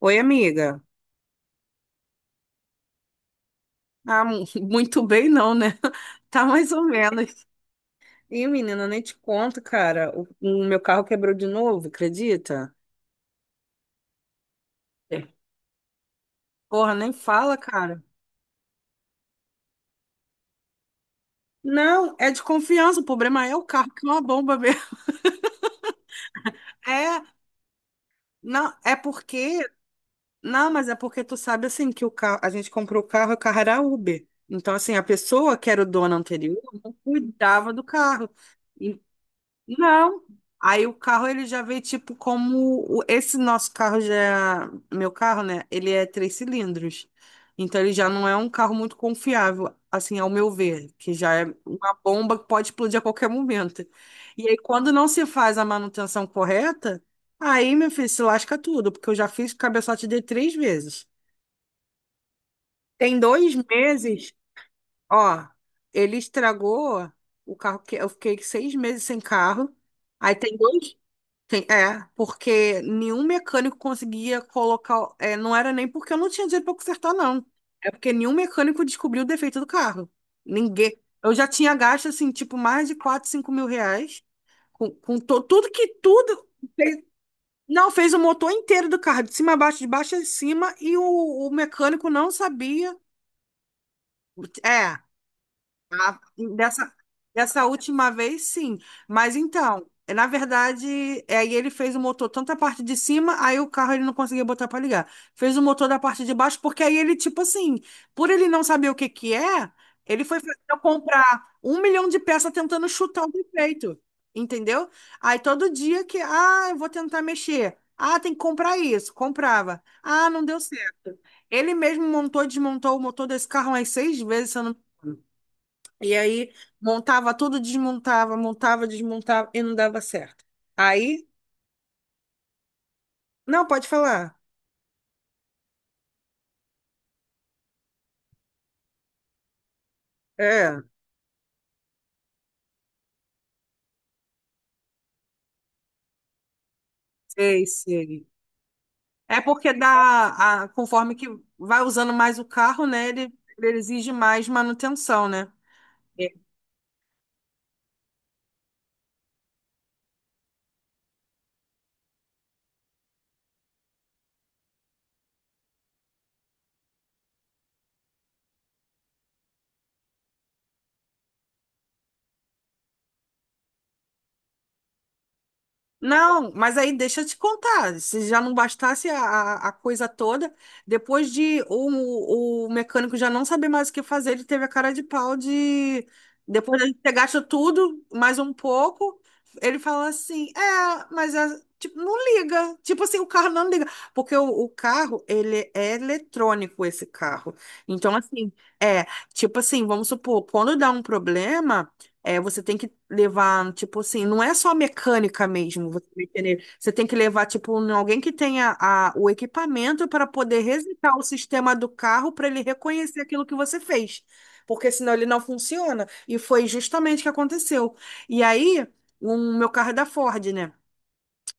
Oi, amiga. Ah, muito bem não, né? Tá mais ou menos. E, menina, nem te conto, cara. O meu carro quebrou de novo, acredita? É. Porra, nem fala, cara. Não, é de confiança. O problema é o carro, que é uma bomba mesmo. É, não, é porque. Não, mas é porque tu sabe assim que o carro, a gente comprou o carro era Uber. Então, assim, a pessoa que era o dono anterior não cuidava do carro. Não. Aí o carro ele já veio tipo como esse nosso carro já, meu carro, né? Ele é três cilindros. Então ele já não é um carro muito confiável, assim, ao meu ver, que já é uma bomba que pode explodir a qualquer momento. E aí quando não se faz a manutenção correta, aí, meu filho, se lasca tudo, porque eu já fiz cabeçote de três vezes. Tem 2 meses, ó, ele estragou o carro que eu fiquei 6 meses sem carro. Aí tem dois, é, porque nenhum mecânico conseguia colocar. É, não era nem porque eu não tinha dinheiro para consertar, não. É porque nenhum mecânico descobriu o defeito do carro. Ninguém. Eu já tinha gasto, assim, tipo, mais de 4, 5 mil reais com tudo que tudo. fez- não, fez o motor inteiro do carro, de cima a baixo, de baixo a cima, e o mecânico não sabia. É. Ah, Dessa, dessa última vez, sim. Mas então, na verdade, é, aí ele fez o motor tanto a parte de cima, aí o carro ele não conseguia botar para ligar. Fez o motor da parte de baixo, porque aí ele, tipo assim, por ele não saber o que que é, ele foi fazer eu comprar um milhão de peças tentando chutar o defeito. Entendeu? Aí todo dia que, ah, eu vou tentar mexer. Ah, tem que comprar isso. Comprava. Ah, não deu certo. Ele mesmo montou e desmontou o motor desse carro umas seis vezes, se eu não, e aí montava tudo, desmontava, montava, desmontava e não dava certo. Aí, não, pode falar. É, sei, sei. É porque dá, a, conforme que vai usando mais o carro, né, ele exige mais manutenção, né? Não, mas aí deixa eu te contar. Se já não bastasse a coisa toda, depois de o mecânico já não saber mais o que fazer, ele teve a cara de pau de. Depois de ter gasto tudo, mais um pouco, ele fala assim: é, mas é, tipo, não liga. Tipo assim, o carro não liga. Porque o carro, ele é eletrônico, esse carro. Então, assim, é, tipo assim, vamos supor, quando dá um problema. É, você tem que levar, tipo assim, não é só mecânica mesmo, você vai entender. Você tem que levar, tipo, em alguém que tenha a, o equipamento para poder resetar o sistema do carro para ele reconhecer aquilo que você fez, porque senão ele não funciona. E foi justamente o que aconteceu. E aí, o meu carro é da Ford, né?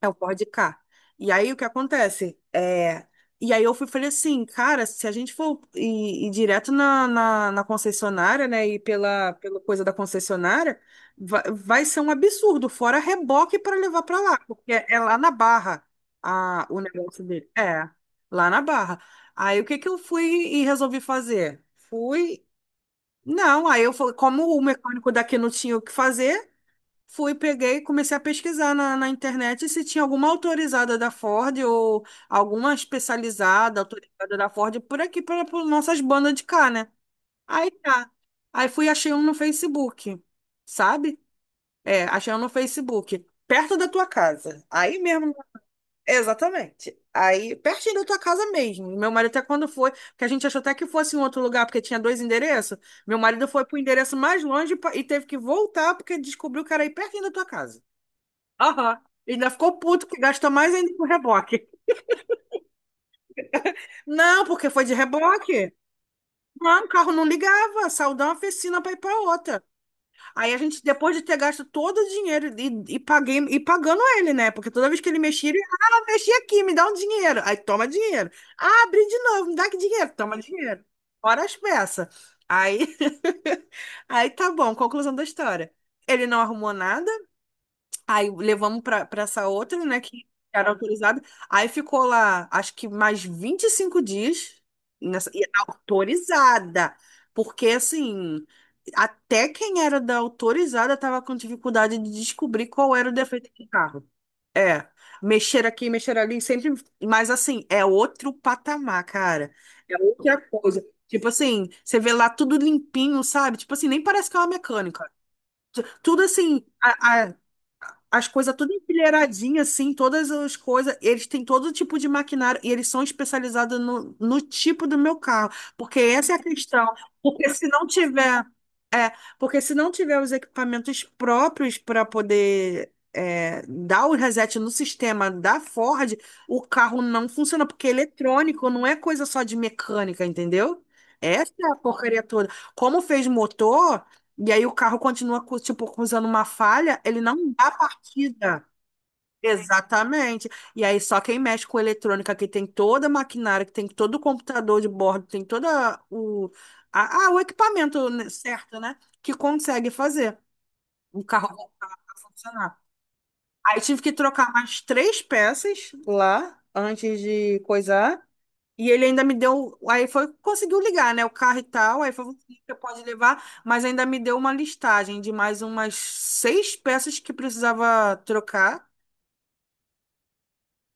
É o Ford Ka. E aí o que acontece? É... E aí eu fui, falei assim, cara, se a gente for ir direto na, na concessionária, né? E pela coisa da concessionária, vai ser um absurdo, fora reboque para levar para lá, porque é lá na Barra a, o negócio dele. É, lá na Barra. Aí o que que eu fui e resolvi fazer? Fui. Não, aí eu falei, como o mecânico daqui não tinha o que fazer, fui, peguei, comecei a pesquisar na internet se tinha alguma autorizada da Ford ou alguma especializada, autorizada da Ford por aqui, para nossas bandas de cá, né? Aí tá. Aí fui, achei um no Facebook, sabe? É, achei um no Facebook, perto da tua casa. Aí mesmo, exatamente. Aí, pertinho da tua casa mesmo. Meu marido até quando foi, porque a gente achou até que fosse em outro lugar, porque tinha dois endereços. Meu marido foi pro endereço mais longe e e teve que voltar porque descobriu que era aí pertinho da tua casa. Aham. E ainda ficou puto que gastou mais ainda com reboque. Não, porque foi de reboque. Não, o carro não ligava, saiu de uma oficina para ir para outra. Aí a gente, depois de ter gasto todo o dinheiro e paguei e pagando ele, né? Porque toda vez que ele mexia, ele, ah, mexi aqui, me dá um dinheiro. Aí toma dinheiro. Ah, abri de novo, me dá que dinheiro, toma dinheiro. Fora as peças. Aí, aí tá bom, conclusão da história. Ele não arrumou nada, aí levamos para essa outra, né, que era autorizada. Aí ficou lá, acho que mais 25 dias nessa, e autorizada. Porque, assim, até quem era da autorizada estava com dificuldade de descobrir qual era o defeito do carro. É, mexer aqui, mexer ali, sempre. Mas, assim, é outro patamar, cara. É outra coisa. Tipo assim, você vê lá tudo limpinho, sabe? Tipo assim, nem parece que é uma mecânica. Tudo assim, as coisas tudo empilheiradinha, assim, todas as coisas. Eles têm todo tipo de maquinário e eles são especializados no tipo do meu carro, porque essa é a questão. Porque se não tiver, é, porque se não tiver os equipamentos próprios para poder é, dar o reset no sistema da Ford, o carro não funciona, porque é eletrônico, não é coisa só de mecânica, entendeu? Essa é a porcaria toda. Como fez motor. E aí o carro continua, com, tipo, usando uma falha, ele não dá batida. Exatamente. E aí, só quem mexe com eletrônica, que tem toda a maquinária, que tem todo o computador de bordo, tem todo o, a, ah, o equipamento, né, certo, né? Que consegue fazer o carro voltar a funcionar. Aí tive que trocar mais três peças lá antes de coisar. E ele ainda me deu. Aí foi, conseguiu ligar, né? O carro e tal. Aí foi, você pode levar, mas ainda me deu uma listagem de mais umas seis peças que precisava trocar.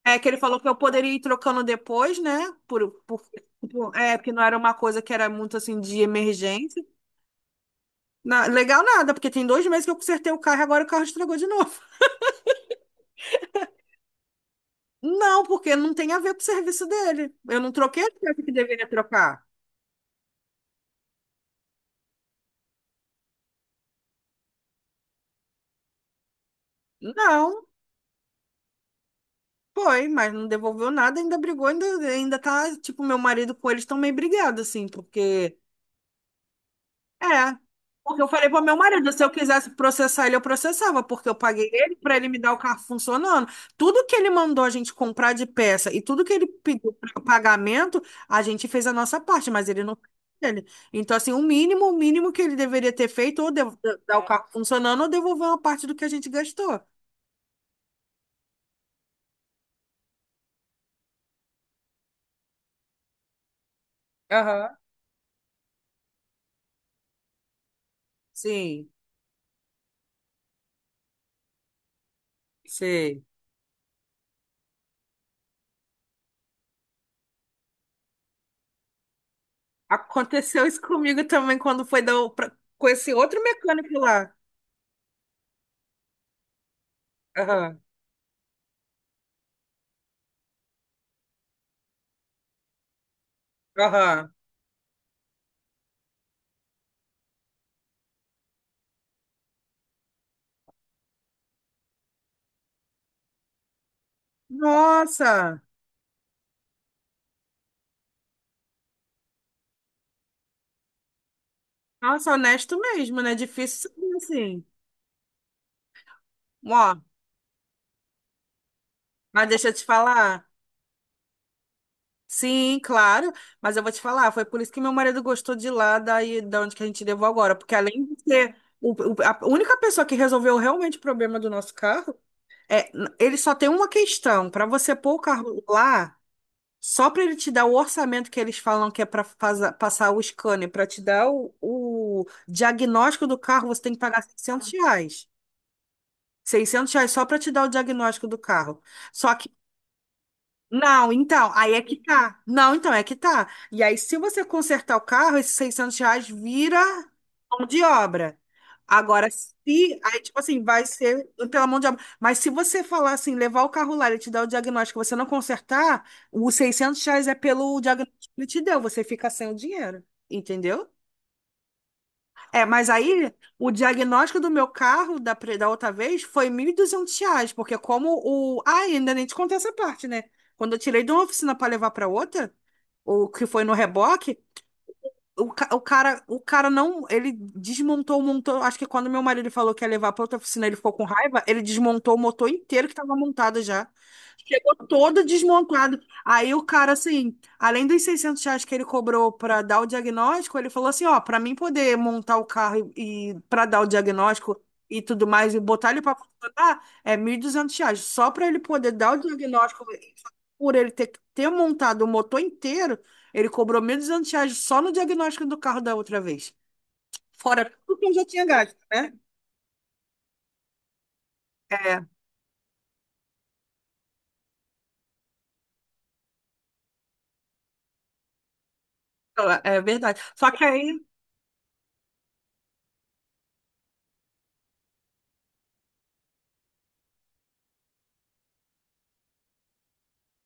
É que ele falou que eu poderia ir trocando depois, né? Porque não era uma coisa que era muito assim de emergência. Legal nada, porque tem 2 meses que eu consertei o carro e agora o carro estragou de novo. Não, porque não tem a ver com o serviço dele. Eu não troquei a peça que deveria trocar. Não, foi, mas não devolveu nada, ainda brigou, ainda tá, tipo, meu marido com eles estão meio brigados, assim, porque é, porque eu falei pro meu marido, se eu quisesse processar ele, eu processava, porque eu paguei ele para ele me dar o carro funcionando. Tudo que ele mandou a gente comprar de peça e tudo que ele pediu para pagamento, a gente fez a nossa parte, mas ele não fez dele. Então, assim, o mínimo que ele deveria ter feito, ou dar o É. carro funcionando, ou devolver uma parte do que a gente gastou. Aham. Sim, sei. Aconteceu isso comigo também quando foi dar com esse outro mecânico lá. Aham, aham. Nossa! Nossa, honesto mesmo, né? Difícil saber assim. Ó, mas deixa eu te falar. Sim, claro, mas eu vou te falar, foi por isso que meu marido gostou de lá, daí da onde que a gente levou agora, porque além de ser a única pessoa que resolveu realmente o problema do nosso carro, é, ele só tem uma questão, para você pôr o carro lá, só para ele te dar o orçamento que eles falam que é para passar o scanner, para te dar o diagnóstico do carro, você tem que pagar R$ 600. Seiscentos reais só para te dar o diagnóstico do carro. Só que, não, então, aí é que tá. Não, então, é que tá. E aí, se você consertar o carro, esses R$ 600 vira mão de obra. Agora, se, aí, tipo assim, vai ser pela mão de obra. Mas se você falar assim, levar o carro lá, ele te dá o diagnóstico, você não consertar, os R$ 600 é pelo diagnóstico que ele te deu, você fica sem o dinheiro, entendeu? É, mas aí o diagnóstico do meu carro da, da outra vez foi R$ 1.200, porque como o... Ah, ainda nem te contei essa parte, né? Quando eu tirei de uma oficina para levar para outra, o que foi no reboque, o cara não, ele desmontou o motor, acho que quando meu marido falou que ia levar para outra oficina, ele ficou com raiva, ele desmontou o motor inteiro que estava montado já. Chegou toda desmontada. Aí o cara, assim, além dos R$ 600 que ele cobrou para dar o diagnóstico, ele falou assim: ó, para mim poder montar o carro e para dar o diagnóstico e tudo mais, e botar ele para funcionar, é R$ 1.200. Só para ele poder dar o diagnóstico, por ele ter montado o motor inteiro, ele cobrou R$ 1.200 só no diagnóstico do carro da outra vez. Fora tudo que eu já tinha gasto, né? É, é verdade. Só que aí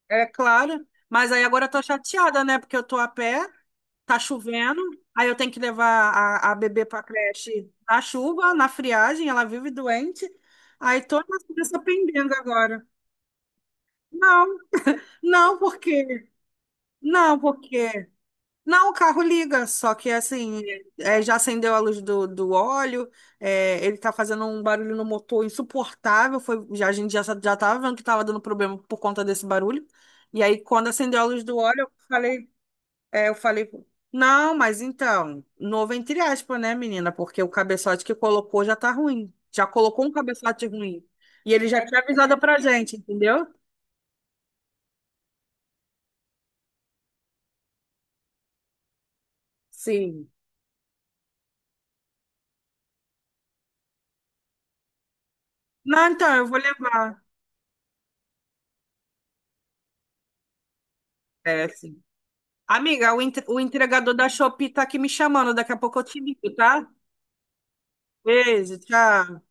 é claro, mas aí agora eu tô chateada, né? Porque eu tô a pé, tá chovendo, aí eu tenho que levar a bebê pra creche na chuva, na friagem, ela vive doente. Aí tô nessa pendenga agora. Não, não, porque, não, porque, não, o carro liga, só que assim, é, já acendeu a luz do óleo, é, ele tá fazendo um barulho no motor insuportável, foi, já, a gente já, já tava vendo que tava dando problema por conta desse barulho. E aí, quando acendeu a luz do óleo, eu falei, é, eu falei, não, mas então, novo entre aspas, né, menina? Porque o cabeçote que colocou já tá ruim. Já colocou um cabeçote ruim. E ele já tinha avisado pra gente, entendeu? Sim. Não, então, eu vou levar. É, sim. Amiga, o entregador da Shopee tá aqui me chamando. Daqui a pouco eu te ligo, tá? Beijo, tchau.